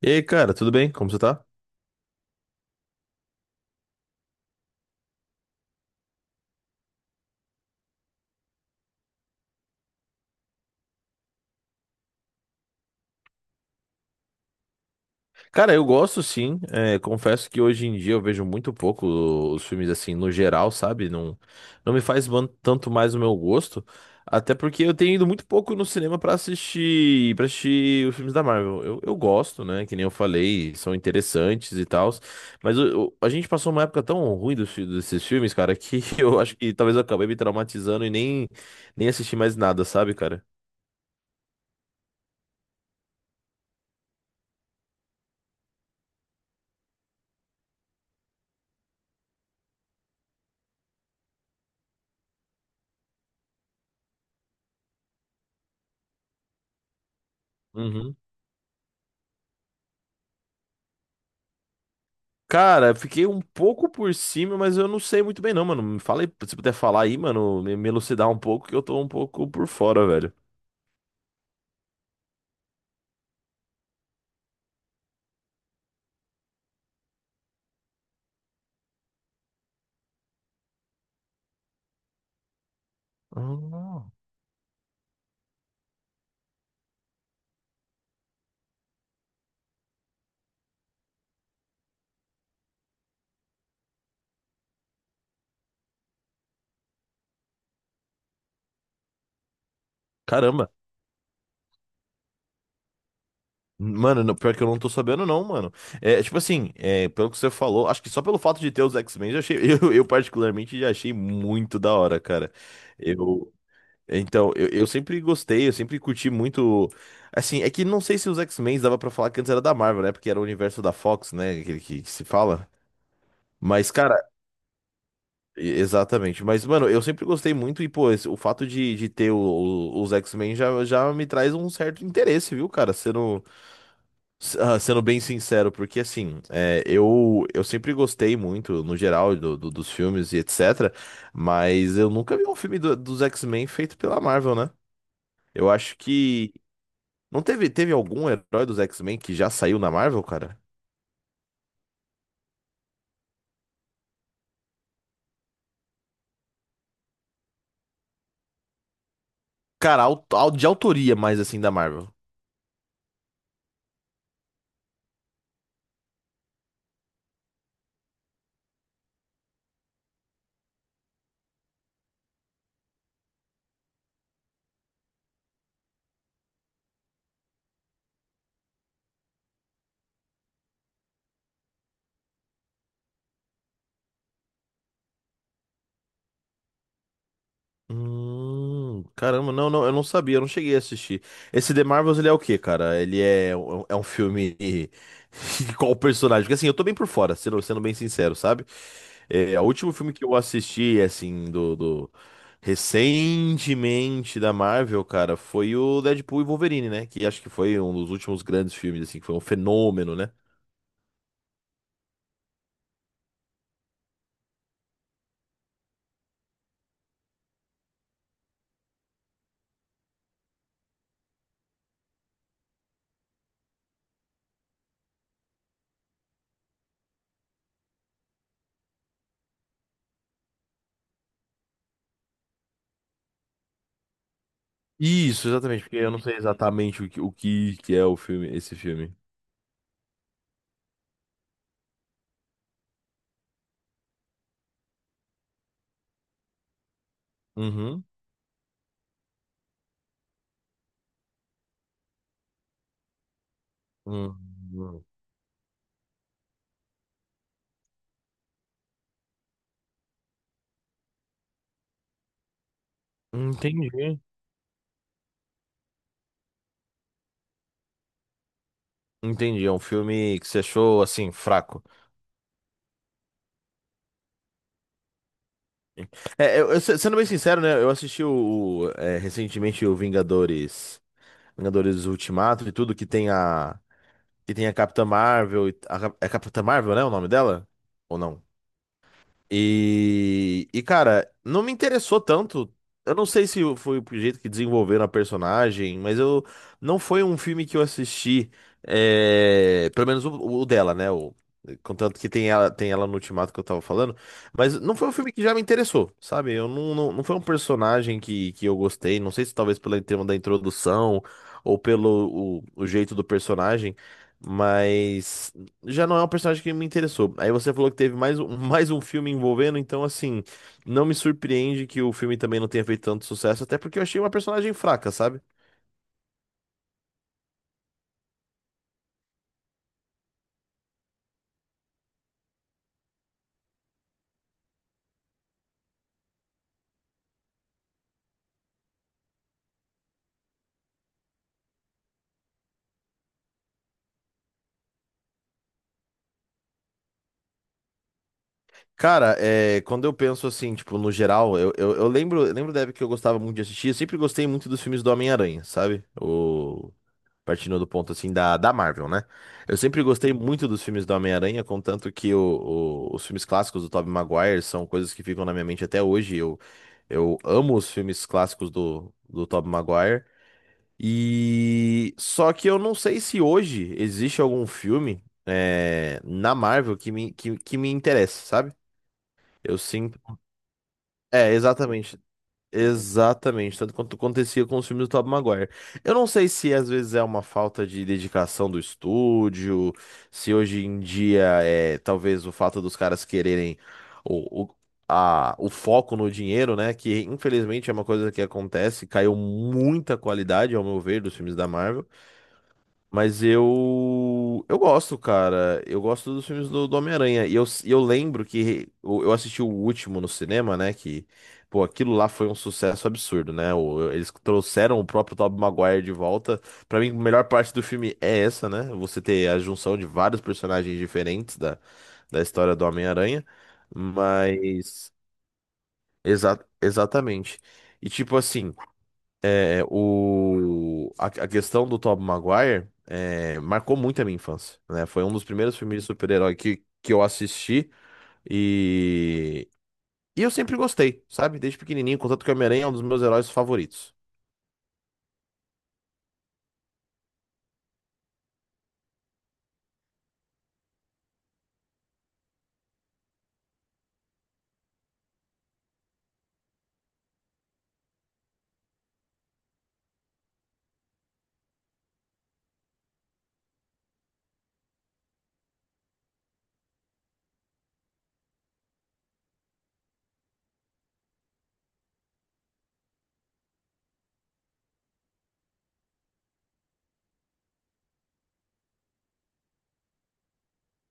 E aí, cara, tudo bem? Como você tá? Cara, eu gosto sim. É, confesso que hoje em dia eu vejo muito pouco os filmes assim, no geral, sabe? Não, não me faz tanto mais o meu gosto. Até porque eu tenho ido muito pouco no cinema pra assistir, para assistir os filmes da Marvel. Eu gosto, né? Que nem eu falei, são interessantes e tal. Mas a gente passou uma época tão ruim desses filmes, cara, que eu acho que talvez eu acabei me traumatizando e nem assisti mais nada, sabe, cara? Uhum. Cara, eu fiquei um pouco por cima, mas eu não sei muito bem não, mano. Me fala aí, se puder falar aí, mano, me elucidar um pouco, que eu tô um pouco por fora, velho. Ah. Caramba. Mano, pior que eu não tô sabendo, não, mano. É, tipo assim, é, pelo que você falou, acho que só pelo fato de ter os X-Men, já achei, eu particularmente já achei muito da hora, cara. Eu, então, eu sempre gostei, eu sempre curti muito. Assim, é que não sei se os X-Men dava pra falar que antes era da Marvel, né? Porque era o universo da Fox, né? Aquele que se fala. Mas, cara, Exatamente, mas mano, eu sempre gostei muito e pô, o fato de ter os X-Men já me traz um certo interesse, viu, cara? Sendo, sendo bem sincero, porque assim, é, eu sempre gostei muito, no geral, dos filmes e etc, mas eu nunca vi um filme dos X-Men feito pela Marvel, né? Eu acho que. Não teve, teve algum herói dos X-Men que já saiu na Marvel, cara? Cara, de autoria mais assim da Marvel. Caramba, não, eu não sabia, eu não cheguei a assistir. Esse The Marvels, ele é o quê, cara? Ele é, é um filme de qual personagem? Porque assim, eu tô bem por fora, sendo bem sincero, sabe? É, o último filme que eu assisti, assim, recentemente da Marvel, cara, foi o Deadpool e Wolverine, né? Que acho que foi um dos últimos grandes filmes, assim, que foi um fenômeno, né? Isso, exatamente, porque eu não sei exatamente o que que é o filme, esse filme. Uhum. Uhum. Entendi. Entendi, é um filme que você achou, assim, fraco. É, sendo bem sincero, né, eu assisti recentemente o Vingadores, Vingadores Ultimato e tudo, que tem a Capitã Marvel, e a, Cap- é Capitã Marvel, né, o nome dela? Ou não? Cara, não me interessou tanto. Eu não sei se foi o jeito que desenvolveram a personagem, mas eu não foi um filme que eu assisti, é, pelo menos o dela, né? O, contanto que tem ela no Ultimato que eu tava falando, mas não foi um filme que já me interessou, sabe? Eu não, não, não foi um personagem que eu gostei. Não sei se talvez pelo tema da introdução ou pelo o jeito do personagem, mas já não é um personagem que me interessou. Aí você falou que teve mais um, mais um filme envolvendo, então assim, não me surpreende que o filme também não tenha feito tanto sucesso, até porque eu achei uma personagem fraca, sabe? Cara, é, quando eu penso assim, tipo, no geral, eu lembro da época que eu gostava muito de assistir, eu sempre gostei muito dos filmes do Homem-Aranha, sabe? O, partindo do ponto assim da, da Marvel, né? Eu sempre gostei muito dos filmes do Homem-Aranha, contanto que os filmes clássicos do Tobey Maguire são coisas que ficam na minha mente até hoje. Eu amo os filmes clássicos do Tobey Maguire. E só que eu não sei se hoje existe algum filme é, na Marvel que que me interesse, sabe? Eu sinto. É, exatamente, exatamente, tanto quanto acontecia com os filmes do Tobey Maguire. Eu não sei se às vezes é uma falta de dedicação do estúdio, se hoje em dia é talvez o fato dos caras quererem o, o, o foco no dinheiro, né? Que infelizmente é uma coisa que acontece, caiu muita qualidade, ao meu ver, dos filmes da Marvel. Mas eu. Eu gosto, cara. Eu gosto dos filmes do Homem-Aranha. E eu lembro que eu assisti o último no cinema, né? Que, pô, aquilo lá foi um sucesso absurdo, né? O- Eles trouxeram o próprio Tobey Maguire de volta. Pra mim, a melhor parte do filme é essa, né? Você ter a junção de vários personagens diferentes da, da história do Homem-Aranha. Mas. Exatamente. E tipo assim. É, a questão do Tobey Maguire é, marcou muito a minha infância, né? Foi um dos primeiros filmes de super-herói que eu assisti e, e eu sempre gostei, sabe? Desde pequenininho, contanto que o Homem-Aranha é um dos meus heróis favoritos.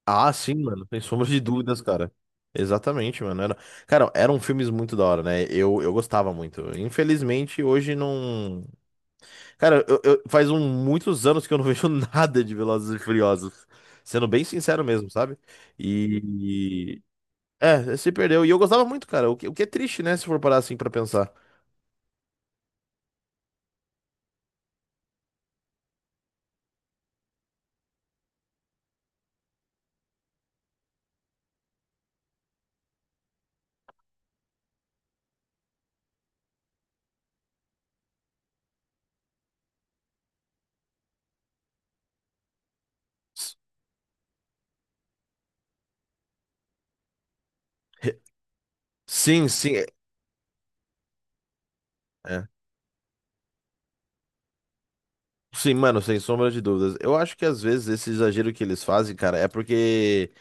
Ah, sim, mano, sem sombra de dúvidas, cara. Exatamente, mano. Era, cara, eram filmes muito da hora, né? Eu gostava muito. Infelizmente, hoje não. Cara, faz muitos anos que eu não vejo nada de Velozes e Furiosos. Sendo bem sincero mesmo, sabe? E. É, se perdeu. E eu gostava muito, cara. O que é triste, né? Se for parar assim pra pensar. S- re- Sim, sim. É. é. Sim, mano, sem sombra de dúvidas. Eu acho que às vezes esse exagero que eles fazem, cara, é porque.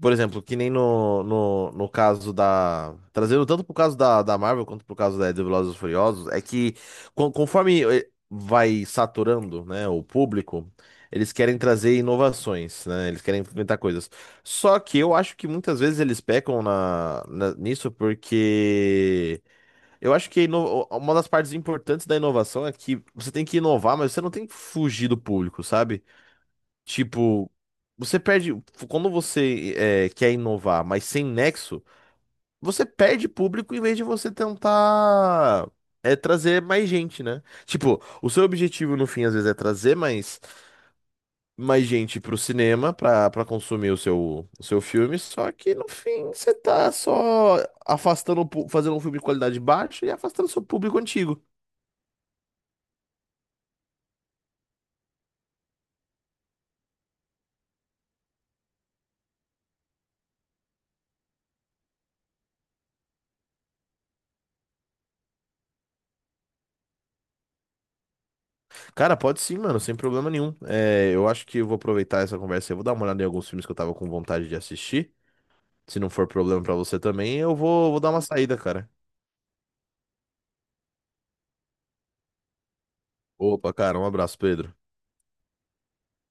Por exemplo, que nem no caso da. Trazendo tanto pro caso da, da Marvel quanto pro caso da, do Velozes e Furiosos, é que conforme vai saturando, né, o público, eles querem trazer inovações, né? Eles querem inventar coisas. Só que eu acho que muitas vezes eles pecam nisso porque. Eu acho que a uma das partes importantes da inovação é que você tem que inovar, mas você não tem que fugir do público, sabe? Tipo, você perde. Quando você é, quer inovar, mas sem nexo, você perde público em vez de você tentar é, trazer mais gente, né? Tipo, o seu objetivo no fim, às vezes, é trazer mais, mais gente pro cinema pra, pra consumir o seu filme, só que no fim você tá só afastando, fazendo um filme de qualidade baixa e afastando seu público antigo. Cara, pode sim, mano, sem problema nenhum. É, eu acho que eu vou aproveitar essa conversa e vou dar uma olhada em alguns filmes que eu tava com vontade de assistir. Se não for problema pra você também, vou dar uma saída, cara. Opa, cara, um abraço, Pedro.